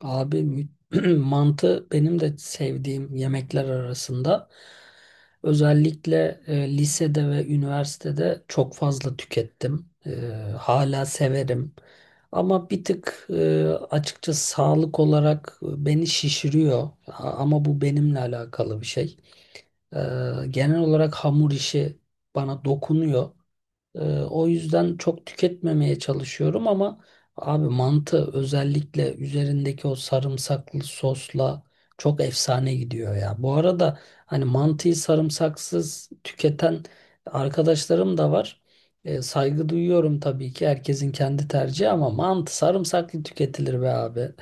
Abi mantı benim de sevdiğim yemekler arasında. Özellikle lisede ve üniversitede çok fazla tükettim. Hala severim. Ama bir tık açıkçası sağlık olarak beni şişiriyor. Ama bu benimle alakalı bir şey. E, Genel olarak hamur işi bana dokunuyor. O yüzden çok tüketmemeye çalışıyorum ama abi mantı özellikle üzerindeki o sarımsaklı sosla çok efsane gidiyor ya. Bu arada hani mantıyı sarımsaksız tüketen arkadaşlarım da var. Saygı duyuyorum tabii ki, herkesin kendi tercihi, ama mantı sarımsaklı tüketilir be abi.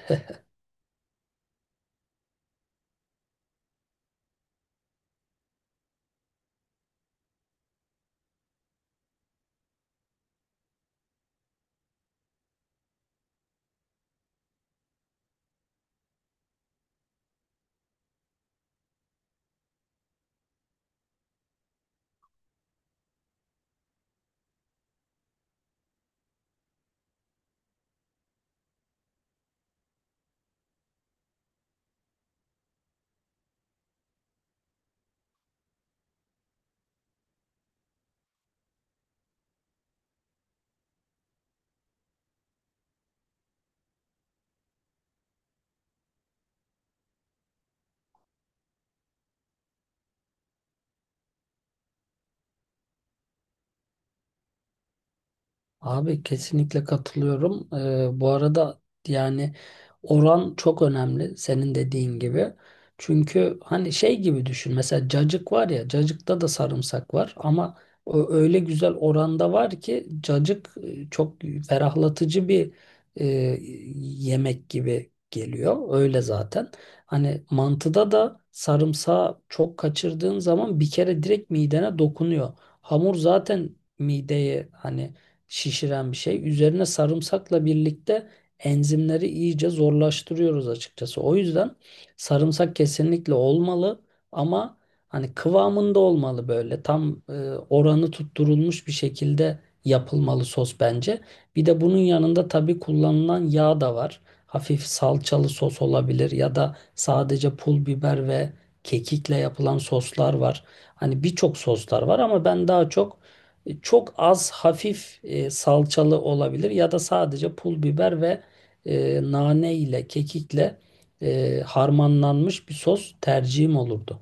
Abi kesinlikle katılıyorum. Bu arada yani oran çok önemli, senin dediğin gibi. Çünkü hani şey gibi düşün. Mesela cacık var ya, cacıkta da sarımsak var ama o öyle güzel oranda var ki cacık çok ferahlatıcı bir e, yemek gibi geliyor. Öyle zaten. Hani mantıda da sarımsağı çok kaçırdığın zaman bir kere direkt midene dokunuyor. Hamur zaten mideye hani şişiren bir şey. Üzerine sarımsakla birlikte enzimleri iyice zorlaştırıyoruz açıkçası. O yüzden sarımsak kesinlikle olmalı ama hani kıvamında olmalı, böyle tam oranı tutturulmuş bir şekilde yapılmalı sos bence. Bir de bunun yanında tabii kullanılan yağ da var. Hafif salçalı sos olabilir ya da sadece pul biber ve kekikle yapılan soslar var. Hani birçok soslar var ama ben daha çok çok az hafif salçalı olabilir ya da sadece pul biber ve nane ile kekikle harmanlanmış bir sos tercihim olurdu.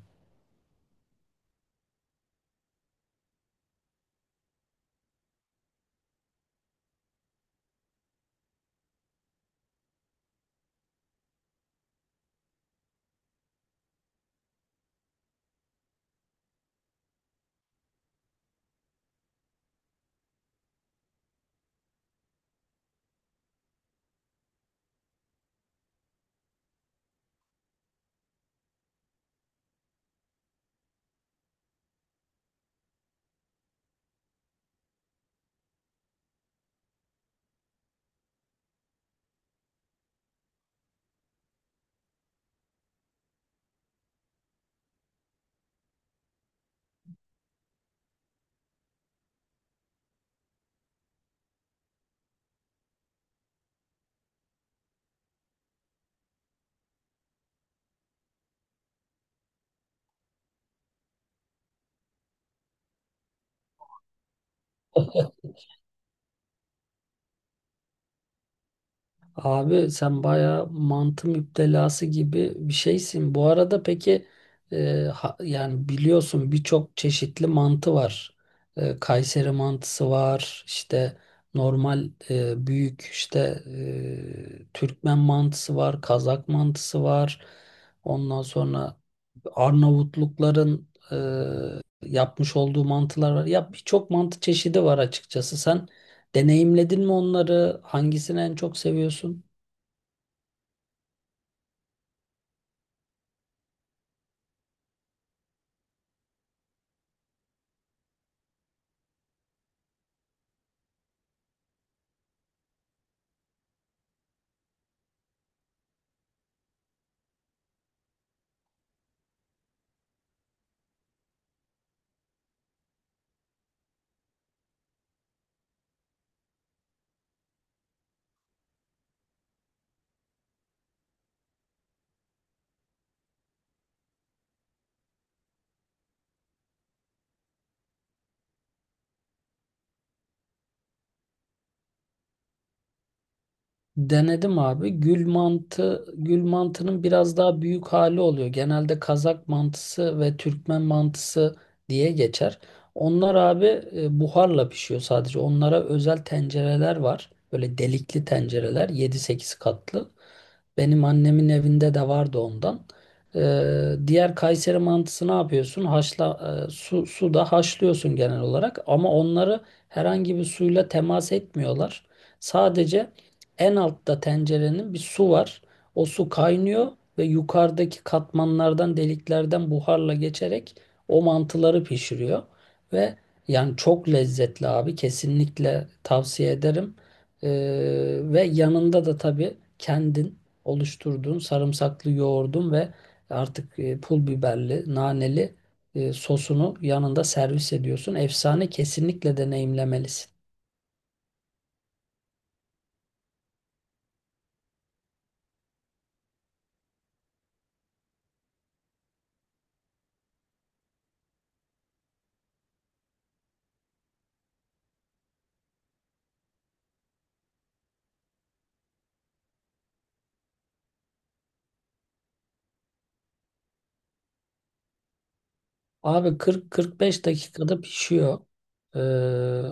Abi sen bayağı mantı müptelası gibi bir şeysin. Bu arada peki yani biliyorsun birçok çeşitli mantı var. Kayseri mantısı var, işte normal büyük işte Türkmen mantısı var, Kazak mantısı var. Ondan sonra Arnavutlukların yapmış olduğu mantılar var. Ya birçok mantı çeşidi var açıkçası. Sen deneyimledin mi onları? Hangisini en çok seviyorsun? Denedim abi. Gül mantı, gül mantının biraz daha büyük hali oluyor. Genelde Kazak mantısı ve Türkmen mantısı diye geçer. Onlar abi buharla pişiyor sadece. Onlara özel tencereler var. Böyle delikli tencereler, yedi sekiz katlı. Benim annemin evinde de vardı ondan. Diğer, Kayseri mantısı ne yapıyorsun? Haşla, suda haşlıyorsun genel olarak, ama onları herhangi bir suyla temas etmiyorlar. Sadece en altta tencerenin bir su var. O su kaynıyor ve yukarıdaki katmanlardan, deliklerden buharla geçerek o mantıları pişiriyor. Ve yani çok lezzetli abi. Kesinlikle tavsiye ederim. Ee, Ve yanında da tabii kendin oluşturduğun sarımsaklı yoğurdun ve artık pul biberli, naneli sosunu yanında servis ediyorsun. Efsane, kesinlikle deneyimlemelisin. Abi 40-45 dakikada pişiyor. Ee,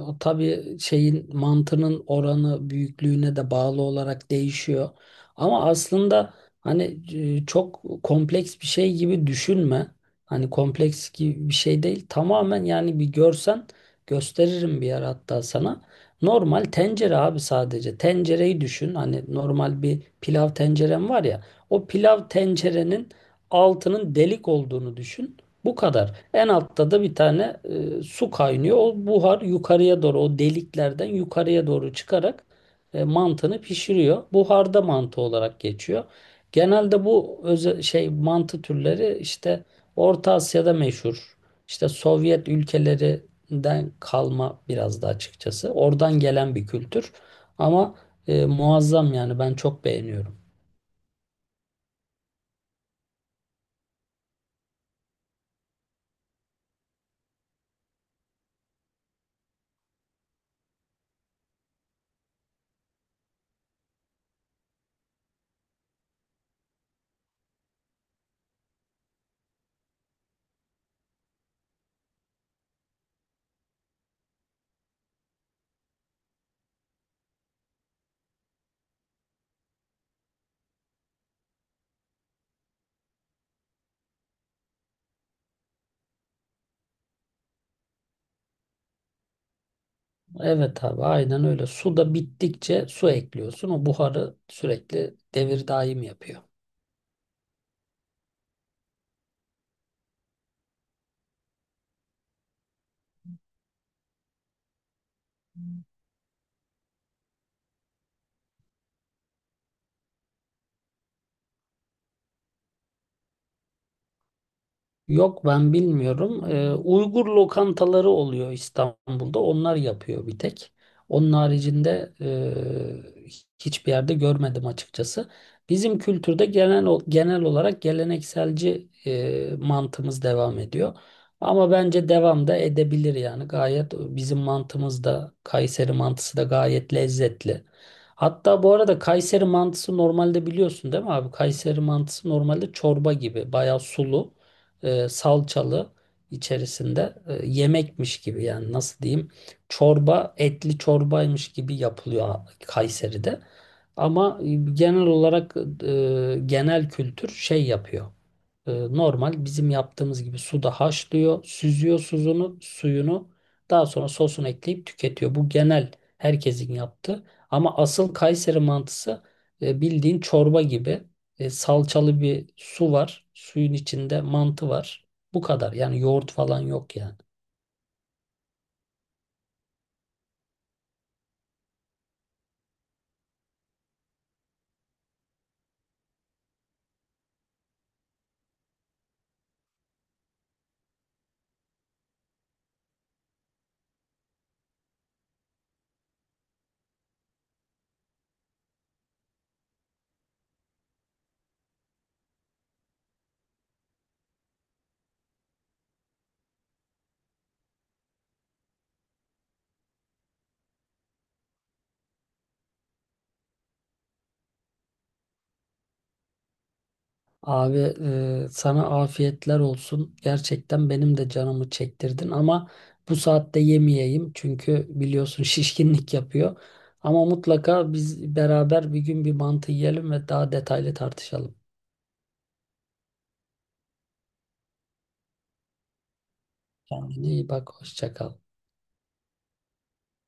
O tabii şeyin, mantının oranı büyüklüğüne de bağlı olarak değişiyor. Ama aslında hani çok kompleks bir şey gibi düşünme. Hani kompleks gibi bir şey değil. Tamamen, yani bir görsen gösteririm bir yer hatta sana. Normal tencere abi, sadece. Tencereyi düşün. Hani normal bir pilav tencerem var ya. O pilav tencerenin altının delik olduğunu düşün. Bu kadar. En altta da bir tane su kaynıyor. O buhar yukarıya doğru, o deliklerden yukarıya doğru çıkarak mantını pişiriyor. Buharda mantı olarak geçiyor. Genelde bu özel şey mantı türleri işte Orta Asya'da meşhur. İşte Sovyet ülkelerinden kalma biraz da açıkçası. Oradan gelen bir kültür. Ama muazzam, yani ben çok beğeniyorum. Evet abi, aynen öyle. Su da bittikçe su ekliyorsun. O buharı sürekli devir daim yapıyor. Yok, ben bilmiyorum. Uygur lokantaları oluyor İstanbul'da. Onlar yapıyor bir tek. Onun haricinde e, hiçbir yerde görmedim açıkçası. Bizim kültürde genel genel olarak gelenekselci mantığımız devam ediyor. Ama bence devam da edebilir yani. Gayet bizim mantımız da Kayseri mantısı da gayet lezzetli. Hatta bu arada Kayseri mantısı normalde biliyorsun, değil mi abi? Kayseri mantısı normalde çorba gibi, bayağı sulu salçalı içerisinde yemekmiş gibi, yani nasıl diyeyim, çorba, etli çorbaymış gibi yapılıyor Kayseri'de. Ama genel olarak genel kültür şey yapıyor. Normal bizim yaptığımız gibi suda haşlıyor, süzüyor suyunu. Daha sonra sosunu ekleyip tüketiyor. Bu genel herkesin yaptığı. Ama asıl Kayseri mantısı bildiğin çorba gibi. Salçalı bir su var. Suyun içinde mantı var. Bu kadar. Yani yoğurt falan yok yani. Abi sana afiyetler olsun. Gerçekten benim de canımı çektirdin ama bu saatte yemeyeyim, çünkü biliyorsun şişkinlik yapıyor. Ama mutlaka biz beraber bir gün bir mantı yiyelim ve daha detaylı tartışalım. Kendine iyi bak, hoşça kal.